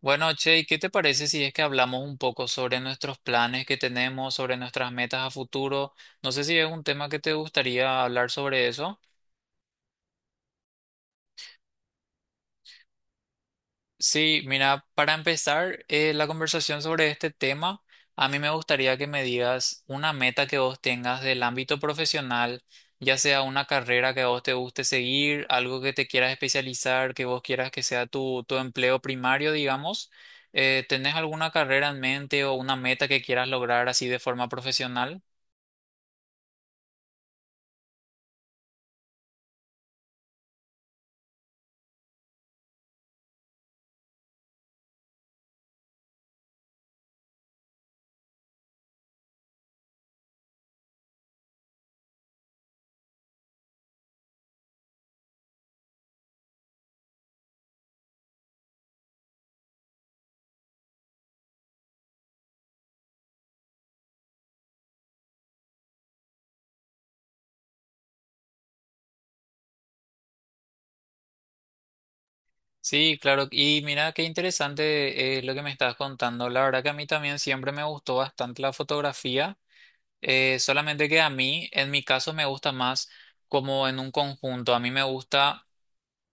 Bueno, Che, ¿y qué te parece si es que hablamos un poco sobre nuestros planes que tenemos, sobre nuestras metas a futuro? No sé si es un tema que te gustaría hablar sobre eso. Sí, mira, para empezar la conversación sobre este tema, a mí me gustaría que me digas una meta que vos tengas del ámbito profesional, ya sea una carrera que a vos te guste seguir, algo que te quieras especializar, que vos quieras que sea tu empleo primario, digamos. ¿Tenés alguna carrera en mente o una meta que quieras lograr así de forma profesional? Sí, claro. Y mira, qué interesante lo que me estás contando. La verdad que a mí también siempre me gustó bastante la fotografía. Solamente que a mí, en mi caso, me gusta más como en un conjunto. A mí me gusta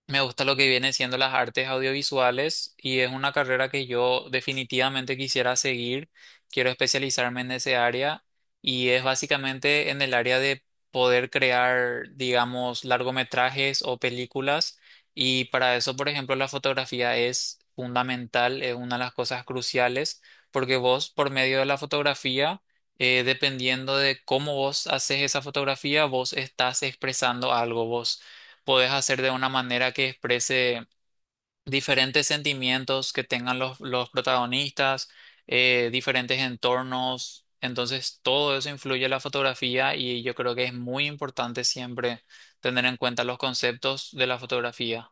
lo que viene siendo las artes audiovisuales y es una carrera que yo definitivamente quisiera seguir. Quiero especializarme en ese área y es básicamente en el área de poder crear, digamos, largometrajes o películas. Y para eso, por ejemplo, la fotografía es fundamental, es una de las cosas cruciales, porque vos, por medio de la fotografía, dependiendo de cómo vos haces esa fotografía, vos estás expresando algo, vos podés hacer de una manera que exprese diferentes sentimientos que tengan los protagonistas, diferentes entornos. Entonces, todo eso influye en la fotografía y yo creo que es muy importante siempre tener en cuenta los conceptos de la fotografía.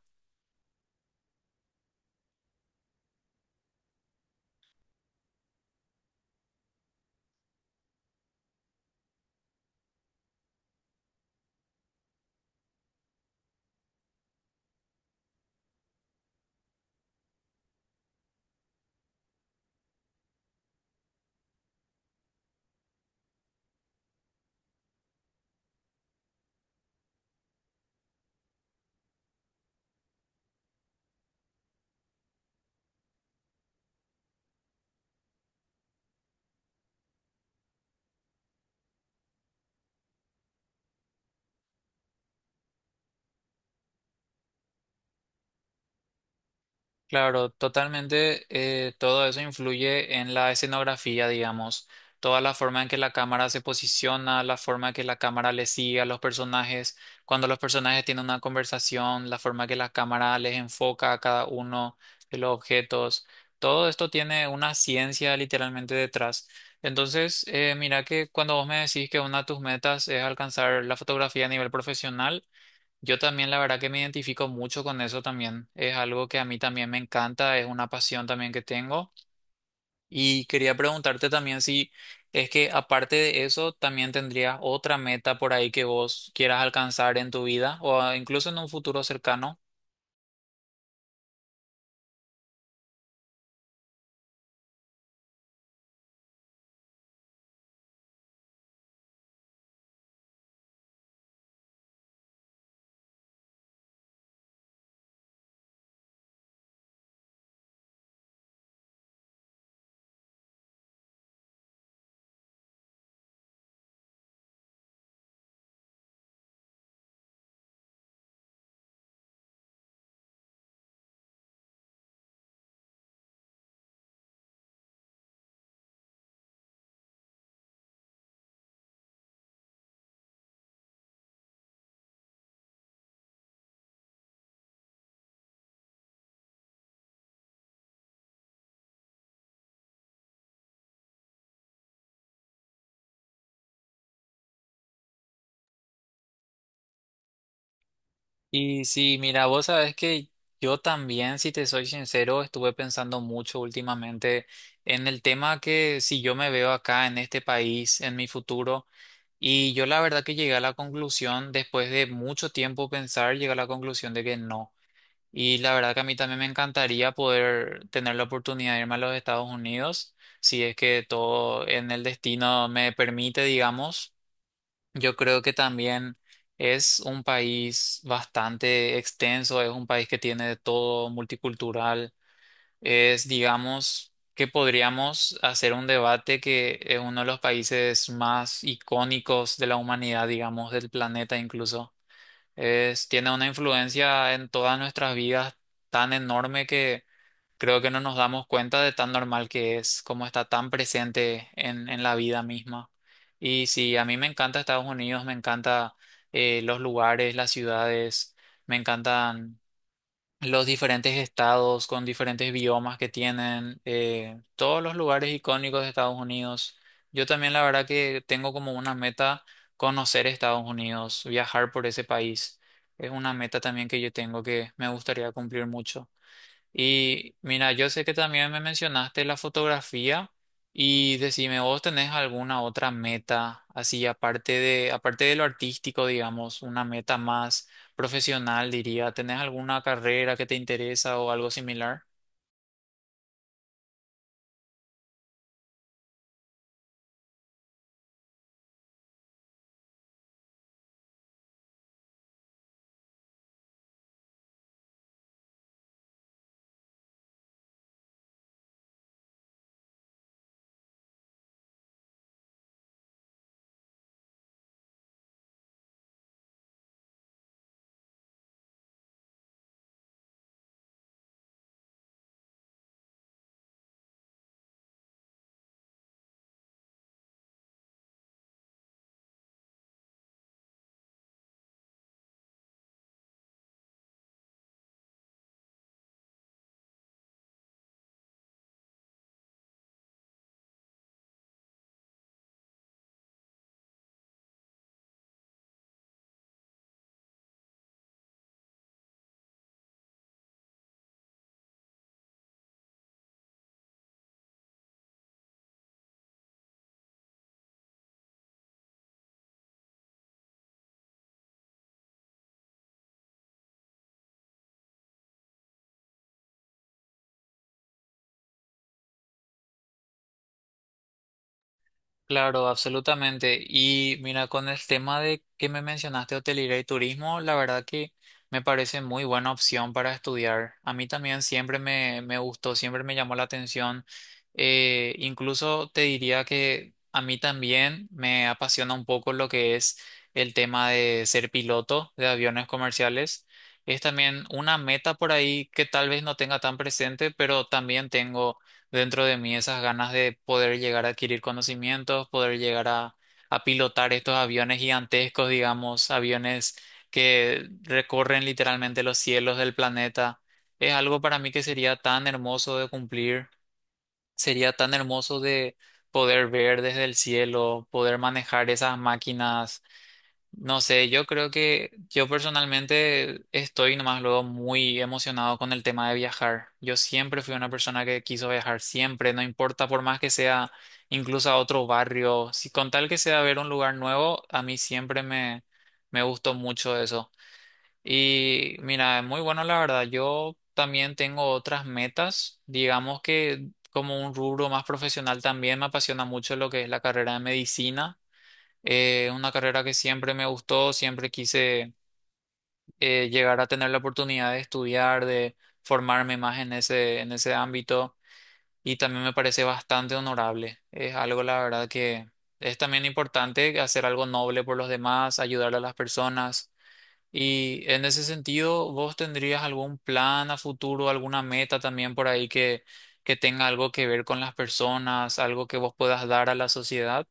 Claro, totalmente. Todo eso influye en la escenografía, digamos. Toda la forma en que la cámara se posiciona, la forma en que la cámara le sigue a los personajes, cuando los personajes tienen una conversación, la forma en que la cámara les enfoca a cada uno de los objetos. Todo esto tiene una ciencia literalmente detrás. Entonces, mira que cuando vos me decís que una de tus metas es alcanzar la fotografía a nivel profesional, yo también, la verdad que me identifico mucho con eso también. Es algo que a mí también me encanta, es una pasión también que tengo. Y quería preguntarte también si es que aparte de eso, también tendrías otra meta por ahí que vos quieras alcanzar en tu vida o incluso en un futuro cercano. Y si, mira, vos sabes que yo también, si te soy sincero, estuve pensando mucho últimamente en el tema que si yo me veo acá en este país, en mi futuro. Y yo la verdad que llegué a la conclusión, después de mucho tiempo pensar, llegué a la conclusión de que no. Y la verdad que a mí también me encantaría poder tener la oportunidad de irme a los Estados Unidos, si es que todo en el destino me permite, digamos. Yo creo que también es un país bastante extenso, es un país que tiene de todo, multicultural es, digamos, que podríamos hacer un debate que es uno de los países más icónicos de la humanidad, digamos, del planeta incluso. Es, tiene una influencia en todas nuestras vidas tan enorme que creo que no nos damos cuenta de tan normal que es, como está tan presente en la vida misma. Y sí, a mí me encanta Estados Unidos, me encanta los lugares, las ciudades, me encantan los diferentes estados con diferentes biomas que tienen, todos los lugares icónicos de Estados Unidos. Yo también la verdad que tengo como una meta conocer Estados Unidos, viajar por ese país. Es una meta también que yo tengo que me gustaría cumplir mucho. Y mira, yo sé que también me mencionaste la fotografía y decime, ¿vos tenés alguna otra meta así aparte de lo artístico, digamos, una meta más profesional, diría? ¿Tenés alguna carrera que te interesa o algo similar? Claro, absolutamente. Y mira, con el tema de que me mencionaste hotelería y turismo, la verdad que me parece muy buena opción para estudiar. A mí también siempre me gustó, siempre me llamó la atención. Incluso te diría que a mí también me apasiona un poco lo que es el tema de ser piloto de aviones comerciales. Es también una meta por ahí que tal vez no tenga tan presente, pero también tengo dentro de mí esas ganas de poder llegar a adquirir conocimientos, poder llegar a pilotar estos aviones gigantescos, digamos, aviones que recorren literalmente los cielos del planeta. Es algo para mí que sería tan hermoso de cumplir, sería tan hermoso de poder ver desde el cielo, poder manejar esas máquinas no sé, yo creo que yo personalmente estoy nomás luego muy emocionado con el tema de viajar. Yo siempre fui una persona que quiso viajar, siempre, no importa por más que sea incluso a otro barrio, si con tal que sea ver un lugar nuevo, a mí siempre me gustó mucho eso. Y mira, es muy bueno la verdad. Yo también tengo otras metas, digamos que como un rubro más profesional también me apasiona mucho lo que es la carrera de medicina. Una carrera que siempre me gustó, siempre quise llegar a tener la oportunidad de estudiar, de formarme más en ese ámbito y también me parece bastante honorable. Es algo, la verdad, que es también importante hacer algo noble por los demás, ayudar a las personas. Y en ese sentido, ¿vos tendrías algún plan a futuro, alguna meta también por ahí que tenga algo que ver con las personas, algo que vos puedas dar a la sociedad?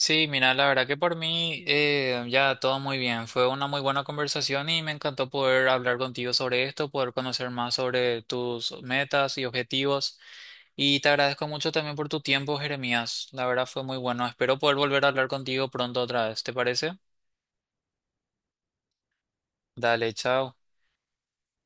Sí, mira, la verdad que por mí ya todo muy bien. Fue una muy buena conversación y me encantó poder hablar contigo sobre esto, poder conocer más sobre tus metas y objetivos. Y te agradezco mucho también por tu tiempo, Jeremías. La verdad fue muy bueno. Espero poder volver a hablar contigo pronto otra vez. ¿Te parece? Dale, chao.